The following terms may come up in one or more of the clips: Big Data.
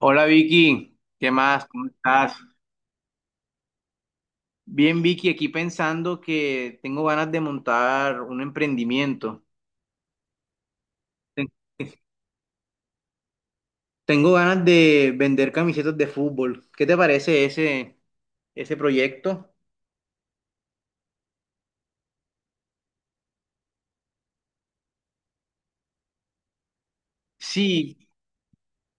Hola Vicky, ¿qué más? ¿Cómo estás? Bien Vicky, aquí pensando que tengo ganas de montar un emprendimiento. Ten- Tengo ganas de vender camisetas de fútbol. ¿Qué te parece ese proyecto? Sí,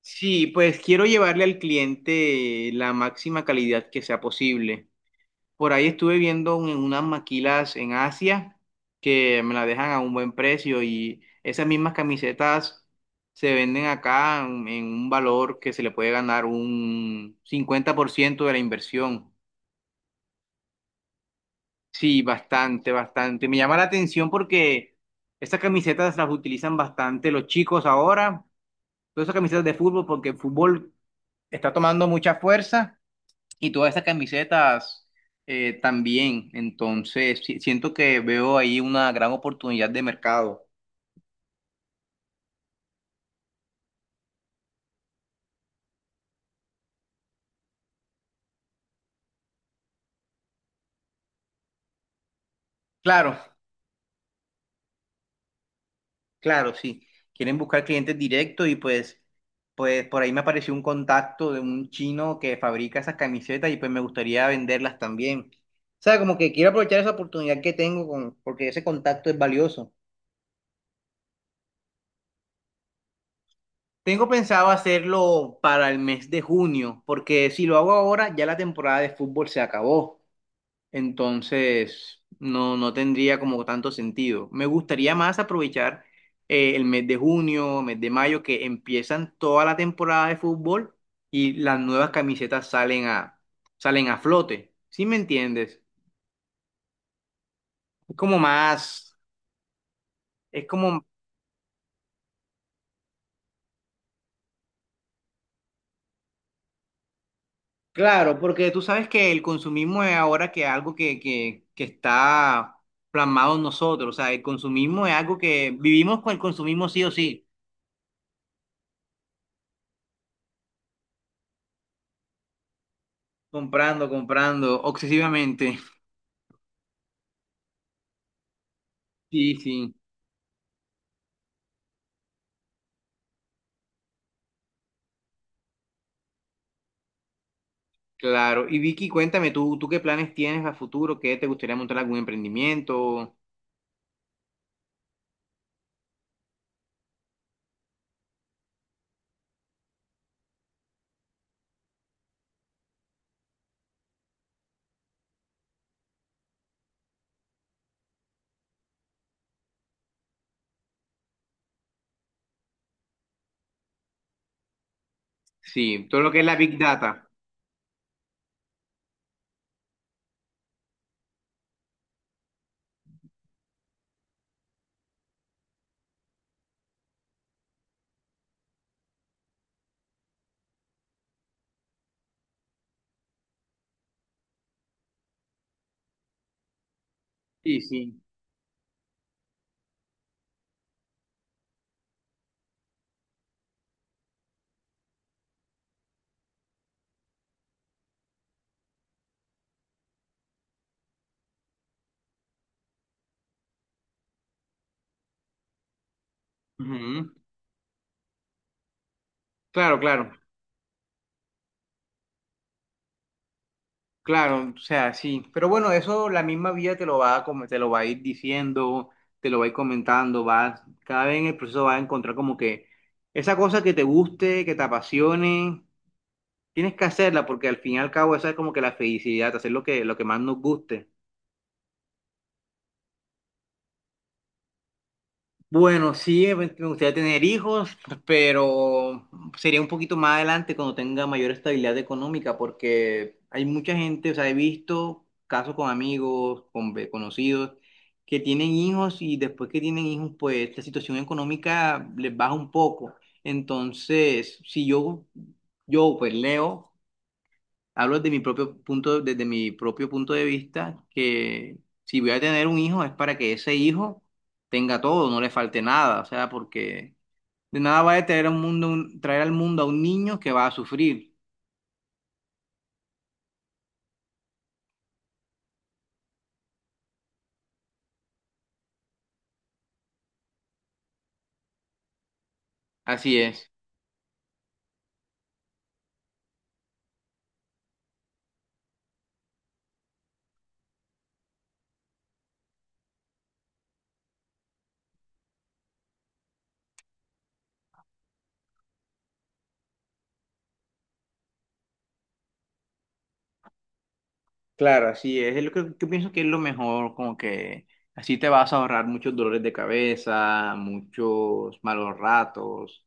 sí, pues quiero llevarle al cliente la máxima calidad que sea posible. Por ahí estuve viendo unas maquilas en Asia que me las dejan a un buen precio y esas mismas camisetas se venden acá en un valor que se le puede ganar un 50% de la inversión. Sí, bastante, bastante. Me llama la atención porque estas camisetas las utilizan bastante los chicos ahora, todas esas camisetas de fútbol porque el fútbol está tomando mucha fuerza. Y todas estas camisetas también. Entonces, siento que veo ahí una gran oportunidad de mercado. Claro, claro, sí. Quieren buscar clientes directos pues por ahí me apareció un contacto de un chino que fabrica esas camisetas y pues me gustaría venderlas también. O sea, como que quiero aprovechar esa oportunidad que tengo con, porque ese contacto es valioso. Tengo pensado hacerlo para el mes de junio, porque si lo hago ahora, ya la temporada de fútbol se acabó. Entonces, no tendría como tanto sentido. Me gustaría más aprovechar el mes de junio, mes de mayo, que empiezan toda la temporada de fútbol y las nuevas camisetas salen a flote. ¿Sí me entiendes? Es como más, es como, Claro, porque tú sabes que el consumismo es ahora que algo que está plasmado en nosotros. O sea, el consumismo es algo que vivimos con el consumismo sí o sí, comprando, comprando, obsesivamente. Sí, sí, claro. Y Vicky, cuéntame, ¿tú qué planes tienes a futuro? ¿Qué te gustaría montar algún emprendimiento? Sí, todo lo que es la Big Data. Sí, sí. Ujú. Claro, claro, claro, o sea, sí. Pero bueno, eso la misma vida te lo te lo va a ir diciendo, te lo va a ir comentando, vas, cada vez en el proceso vas a encontrar como que esa cosa que te guste, que te apasione, tienes que hacerla porque al fin y al cabo esa es como que la felicidad, hacer lo que más nos guste. Bueno, sí, me gustaría tener hijos, pero sería un poquito más adelante cuando tenga mayor estabilidad económica, porque hay mucha gente, o sea, he visto casos con amigos, con conocidos, que tienen hijos y después que tienen hijos, pues la situación económica les baja un poco. Entonces, si yo, yo pues Leo, hablo desde mi propio desde mi propio punto de vista, que si voy a tener un hijo es para que ese hijo tenga todo, no le falte nada, o sea, porque de nada va a traer al mundo, traer al mundo a un niño que va a sufrir. Así es, claro, así es. Es que pienso que es lo mejor, como que así te vas a ahorrar muchos dolores de cabeza, muchos malos ratos.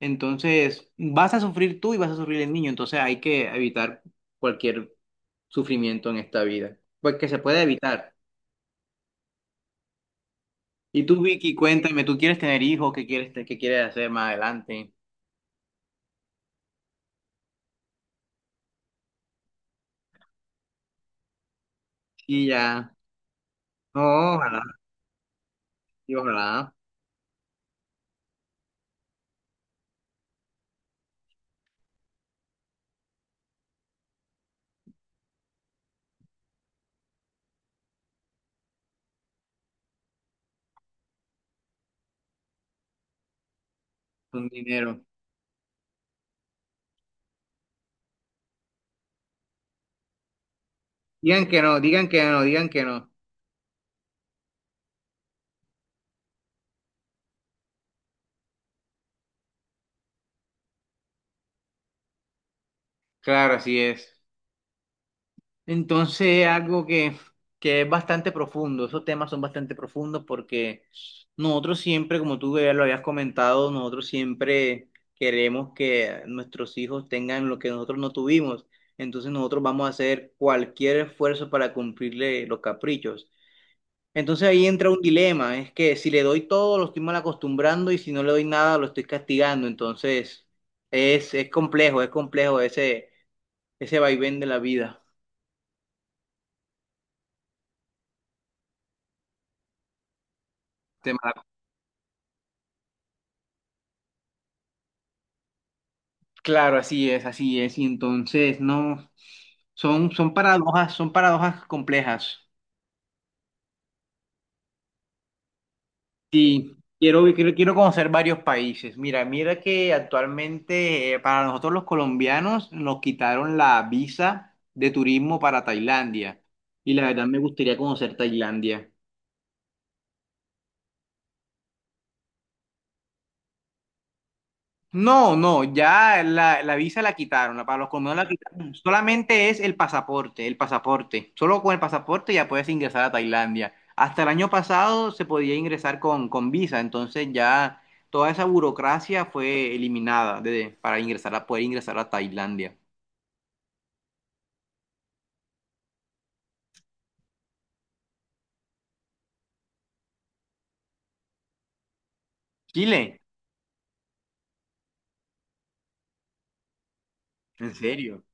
Entonces, vas a sufrir tú y vas a sufrir el niño. Entonces, hay que evitar cualquier sufrimiento en esta vida. Pues que se puede evitar. Y tú, Vicky, cuéntame, ¿tú quieres tener hijos? ¿Qué quieres, qué quieres hacer más adelante? Y ya. No, ojalá, y ojalá. Un dinero. Digan que no, digan que no, digan que no. Claro, así es. Entonces, que es bastante profundo, esos temas son bastante profundos porque nosotros siempre, como tú ya lo habías comentado, nosotros siempre queremos que nuestros hijos tengan lo que nosotros no tuvimos. Entonces nosotros vamos a hacer cualquier esfuerzo para cumplirle los caprichos. Entonces ahí entra un dilema, es que si le doy todo lo estoy mal acostumbrando y si no le doy nada lo estoy castigando. Entonces es complejo ese vaivén de la vida. Claro, así es, así es. Y entonces, no, son, son paradojas complejas. Sí, quiero, quiero, quiero conocer varios países. Mira, mira que actualmente para nosotros los colombianos nos quitaron la visa de turismo para Tailandia. Y la verdad me gustaría conocer Tailandia. No, no, ya la visa la quitaron, para los colombianos la quitaron. Solamente es el pasaporte, el pasaporte. Solo con el pasaporte ya puedes ingresar a Tailandia. Hasta el año pasado se podía ingresar con visa, entonces ya toda esa burocracia fue eliminada para ingresar a, poder ingresar a Tailandia. Chile, ¿en serio?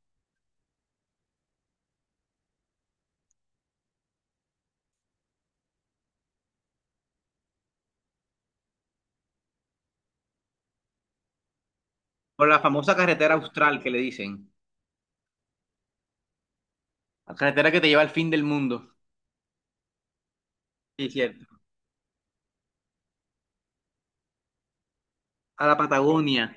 Por la famosa carretera austral que le dicen. La carretera que te lleva al fin del mundo. Sí, cierto. A la Patagonia,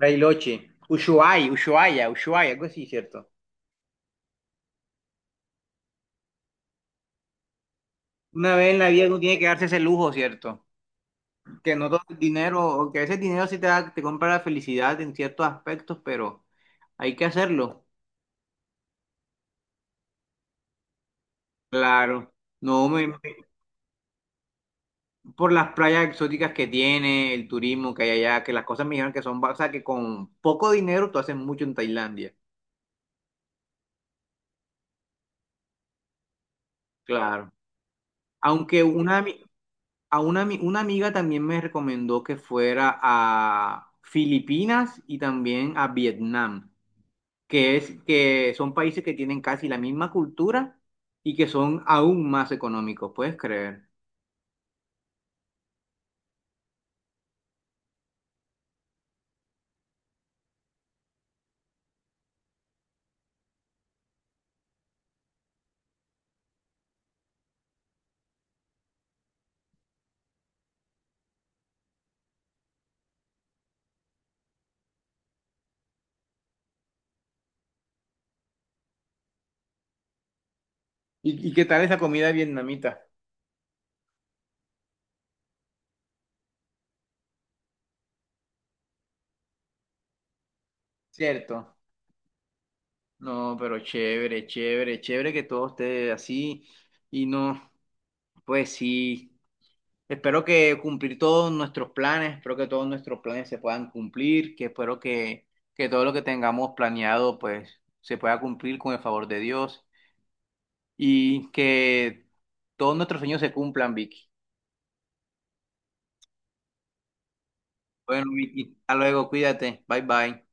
Bariloche, Ushuaia, Ushuaia, Ushuaia, algo así, cierto. Una vez en la vida uno tiene que darse ese lujo, ¿cierto? Que no todo el dinero, o que ese dinero sí te da, te compra la felicidad en ciertos aspectos, pero hay que hacerlo. Claro. No, me- Por las playas exóticas que tiene, el turismo que hay allá, que las cosas me dijeron que son, o sea, que con poco dinero tú haces mucho en Tailandia. Claro. Aunque una, ami- a una, ami- una amiga también me recomendó que fuera a Filipinas y también a Vietnam. Que es que son países que tienen casi la misma cultura y que son aún más económicos, ¿puedes creer? Y qué tal esa comida vietnamita? Cierto. No, pero chévere, chévere, chévere que todo esté así y no, pues sí. Espero que cumplir todos nuestros planes, espero que todos nuestros planes se puedan cumplir, que todo lo que tengamos planeado pues se pueda cumplir con el favor de Dios y que todos nuestros sueños se cumplan, Vicky. Bueno, Vicky, hasta luego, cuídate. Bye bye.